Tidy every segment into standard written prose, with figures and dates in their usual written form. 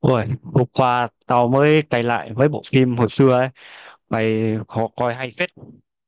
Ôi, hôm qua tao mới cày lại mấy bộ phim hồi xưa ấy. Mày khó coi hay phết.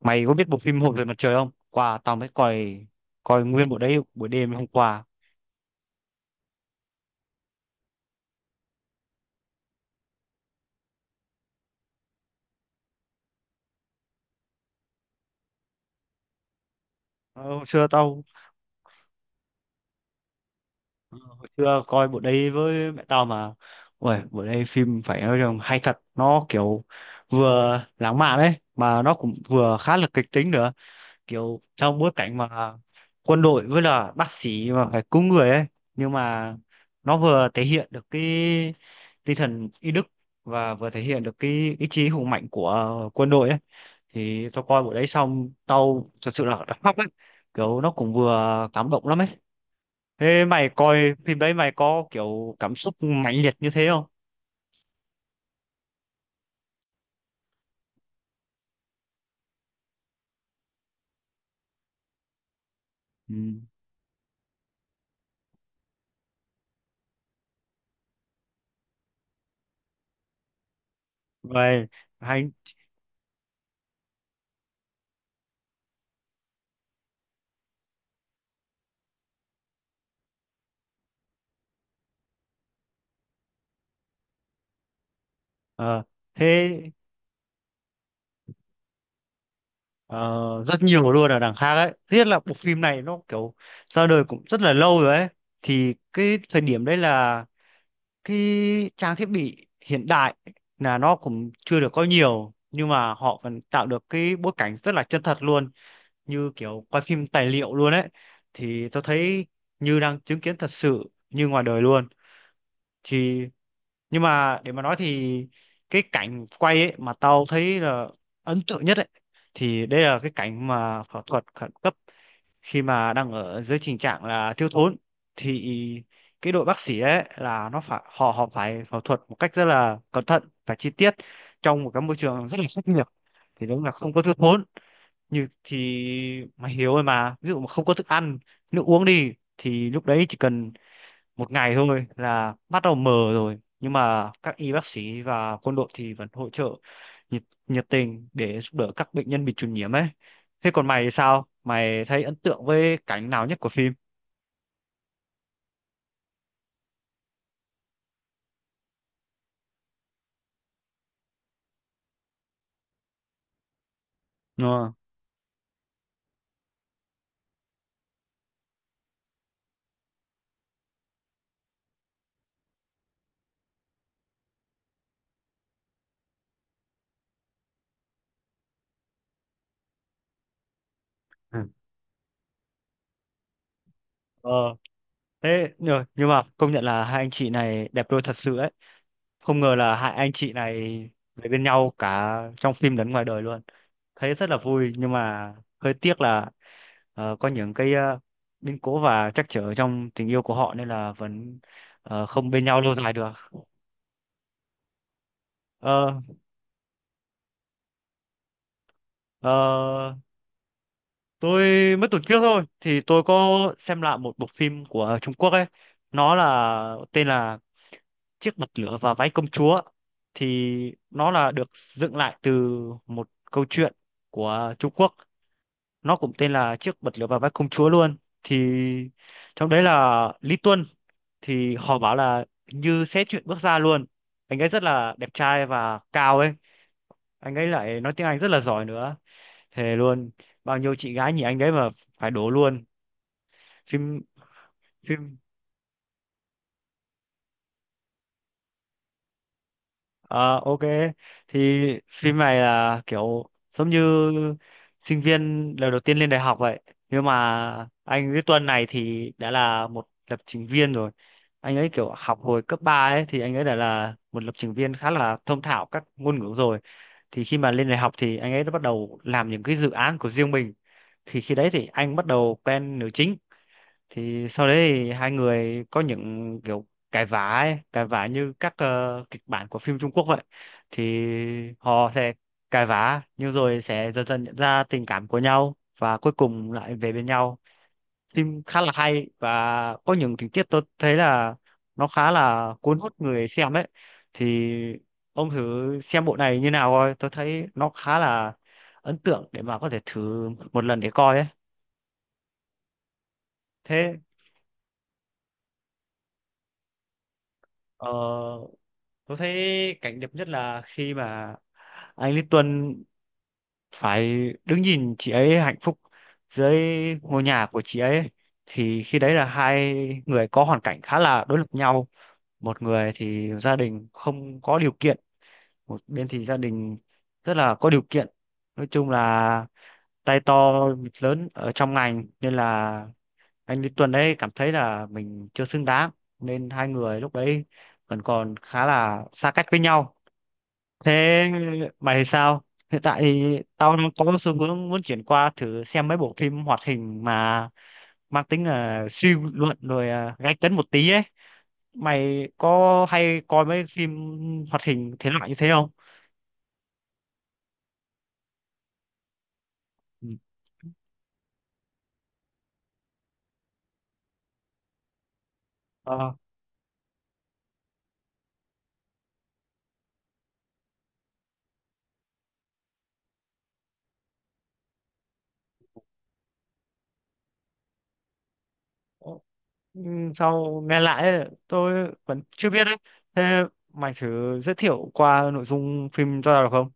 Mày có biết bộ phim Hồn về mặt trời không? Qua tao mới coi coi nguyên bộ đấy buổi đêm hôm qua. Ờ, hồi xưa coi bộ đấy với mẹ tao mà. Ôi, bộ đấy phim phải nói rằng hay thật, nó kiểu vừa lãng mạn đấy mà nó cũng vừa khá là kịch tính nữa. Kiểu trong bối cảnh mà quân đội với là bác sĩ mà phải cứu người ấy, nhưng mà nó vừa thể hiện được cái tinh thần y đức và vừa thể hiện được cái ý chí hùng mạnh của quân đội ấy. Thì tao coi bộ đấy xong tao thật sự là đã khóc ấy, kiểu nó cũng vừa cảm động lắm ấy. Thế mày coi phim đấy mày có kiểu cảm xúc mãnh liệt như thế không? Ừ. Vậy. Hay. Ờ. Thế. Ờ, rất nhiều luôn ở đằng khác ấy, tiếc là bộ phim này nó kiểu ra đời cũng rất là lâu rồi ấy. Thì cái thời điểm đấy là cái trang thiết bị hiện đại là nó cũng chưa được có nhiều, nhưng mà họ vẫn tạo được cái bối cảnh rất là chân thật luôn, như kiểu quay phim tài liệu luôn ấy. Thì tôi thấy như đang chứng kiến thật sự như ngoài đời luôn. Thì nhưng mà để mà nói thì cái cảnh quay ấy mà tao thấy là ấn tượng nhất ấy, thì đây là cái cảnh mà phẫu thuật khẩn cấp khi mà đang ở dưới tình trạng là thiếu thốn. Thì cái đội bác sĩ ấy là nó phải họ họ phải phẫu thuật một cách rất là cẩn thận và chi tiết trong một cái môi trường rất là khắc nghiệt. Thì đúng là không có thiếu thốn như thì mày hiểu rồi mà, ví dụ mà không có thức ăn nước uống đi thì lúc đấy chỉ cần một ngày thôi là bắt đầu mờ rồi, nhưng mà các y bác sĩ và quân đội thì vẫn hỗ trợ nhiệt tình để giúp đỡ các bệnh nhân bị truyền nhiễm ấy. Thế còn mày thì sao, mày thấy ấn tượng với cảnh nào nhất của phim? Ờ. Ừ. Ờ. Thế nhưng mà công nhận là hai anh chị này đẹp đôi thật sự ấy. Không ngờ là hai anh chị này về bên nhau cả trong phim lẫn ngoài đời luôn. Thấy rất là vui, nhưng mà hơi tiếc là có những cái biến cố và trắc trở trong tình yêu của họ nên là vẫn không bên nhau lâu dài được. Ờ, ờ, tôi mới tuần trước thôi thì tôi có xem lại một bộ phim của Trung Quốc ấy. Nó là tên là chiếc bật lửa và váy công chúa. Thì nó là được dựng lại từ một câu chuyện của Trung Quốc, nó cũng tên là chiếc bật lửa và váy công chúa luôn. Thì trong đấy là Lý Tuân, thì họ bảo là như sẽ chuyện bước ra luôn. Anh ấy rất là đẹp trai và cao ấy, anh ấy lại nói tiếng Anh rất là giỏi nữa, thề luôn. Bao nhiêu chị gái nhìn anh ấy mà phải đổ luôn. Phim. Phim. Ờ, ok, thì phim này là kiểu giống như sinh viên lần đầu tiên lên đại học vậy, nhưng mà anh với Tuân này thì đã là một lập trình viên rồi. Anh ấy kiểu học hồi cấp 3 ấy, thì anh ấy đã là một lập trình viên khá là thông thạo các ngôn ngữ rồi. Thì khi mà lên đại học thì anh ấy đã bắt đầu làm những cái dự án của riêng mình. Thì khi đấy thì anh bắt đầu quen nữ chính. Thì sau đấy thì hai người có những kiểu cãi vã ấy, cãi vã như các kịch bản của phim Trung Quốc vậy. Thì họ sẽ cãi vã nhưng rồi sẽ dần dần nhận ra tình cảm của nhau và cuối cùng lại về bên nhau. Phim khá là hay và có những tình tiết tôi thấy là nó khá là cuốn hút người xem ấy. Thì ông thử xem bộ này như nào coi, tôi thấy nó khá là ấn tượng để mà có thể thử một lần để coi ấy. Thế. Ờ, tôi thấy cảnh đẹp nhất là khi mà anh Lý Tuân phải đứng nhìn chị ấy hạnh phúc dưới ngôi nhà của chị ấy. Thì khi đấy là hai người có hoàn cảnh khá là đối lập nhau, một người thì gia đình không có điều kiện, một bên thì gia đình rất là có điều kiện. Nói chung là tay to mặt lớn ở trong ngành nên là anh Lý Tuấn ấy cảm thấy là mình chưa xứng đáng, nên hai người lúc đấy vẫn còn khá là xa cách với nhau. Thế mày thì sao? Hiện tại thì tao đang có xu hướng muốn chuyển qua thử xem mấy bộ phim hoạt hình mà mang tính là suy luận rồi à, gay cấn một tí ấy. Mày có hay coi mấy phim hoạt hình thế loại như thế không? Ừ. Ờ, ừ, sau nghe lại ấy, tôi vẫn chưa biết đấy. Thế mày thử giới thiệu qua nội dung phim cho tao được không?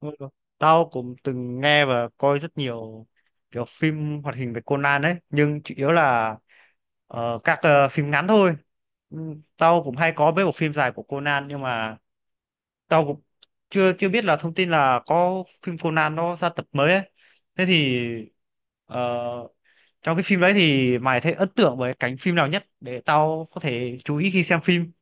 Ừ. Tao cũng từng nghe và coi rất nhiều kiểu phim hoạt hình về Conan ấy, nhưng chủ yếu là các phim ngắn thôi. Ừ, tao cũng hay có mấy bộ phim dài của Conan, nhưng mà tao cũng chưa chưa biết là thông tin là có phim Conan nó ra tập mới ấy. Thế thì ờ, trong cái phim đấy thì mày thấy ấn tượng với cánh phim nào nhất để tao có thể chú ý khi xem phim?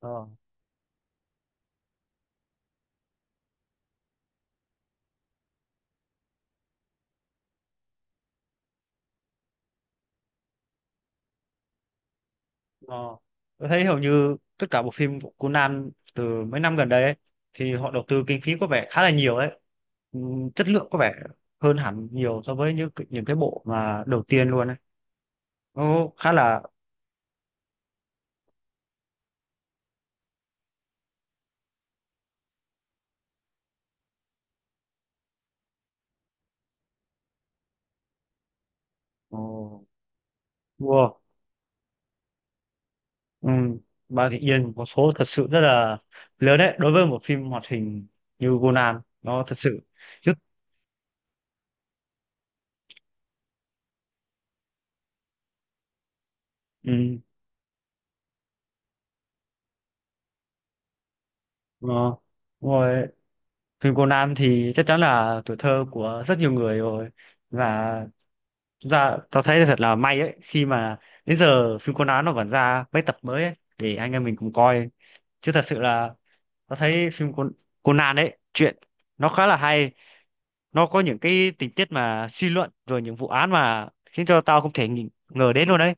Ờ. Ờ. Tôi thấy hầu như tất cả bộ phim của Conan từ mấy năm gần đây ấy, thì họ đầu tư kinh phí có vẻ khá là nhiều đấy. Chất lượng có vẻ hơn hẳn nhiều so với những cái bộ mà đầu tiên luôn ấy. Nó khá là, ờ, wow. Um, Bà Thị Yên có số thật sự rất là lớn đấy đối với một phim hoạt hình như Conan, nó thật sự rất. Um, Phim Conan thì chắc chắn là tuổi thơ của rất nhiều người rồi. Và chúng ta tao thấy thật là may ấy khi mà đến giờ phim Conan nó vẫn ra mấy tập mới ấy, để anh em mình cùng coi. Chứ thật sự là tao thấy phim Conan ấy chuyện nó khá là hay. Nó có những cái tình tiết mà suy luận rồi những vụ án mà khiến cho tao không thể ngờ đến luôn đấy.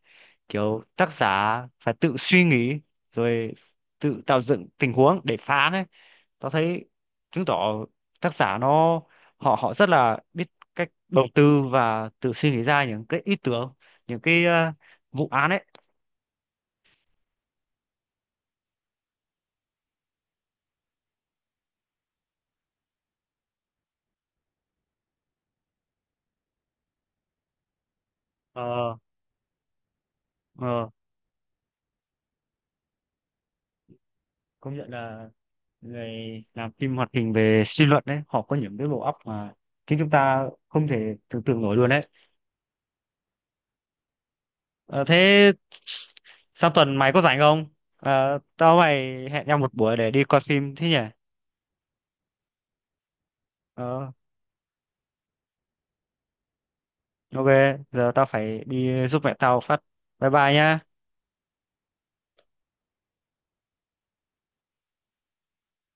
Kiểu tác giả phải tự suy nghĩ rồi tự tạo dựng tình huống để phá án ấy. Tao thấy chứng tỏ tác giả nó họ họ rất là biết cách đầu tư và tự suy nghĩ ra những cái ý tưởng, những cái vụ án ấy. Ờ, ờ, công nhận là người làm phim hoạt hình về suy luận đấy họ có những cái bộ óc mà chính chúng ta không thể tưởng tượng nổi luôn đấy. Ờ, thế sang tuần mày có rảnh không? Ờ, tao mày hẹn nhau một buổi để đi coi phim thế nhỉ. Ờ, ok. Giờ tao phải đi giúp mẹ tao phát, bye bye nhá.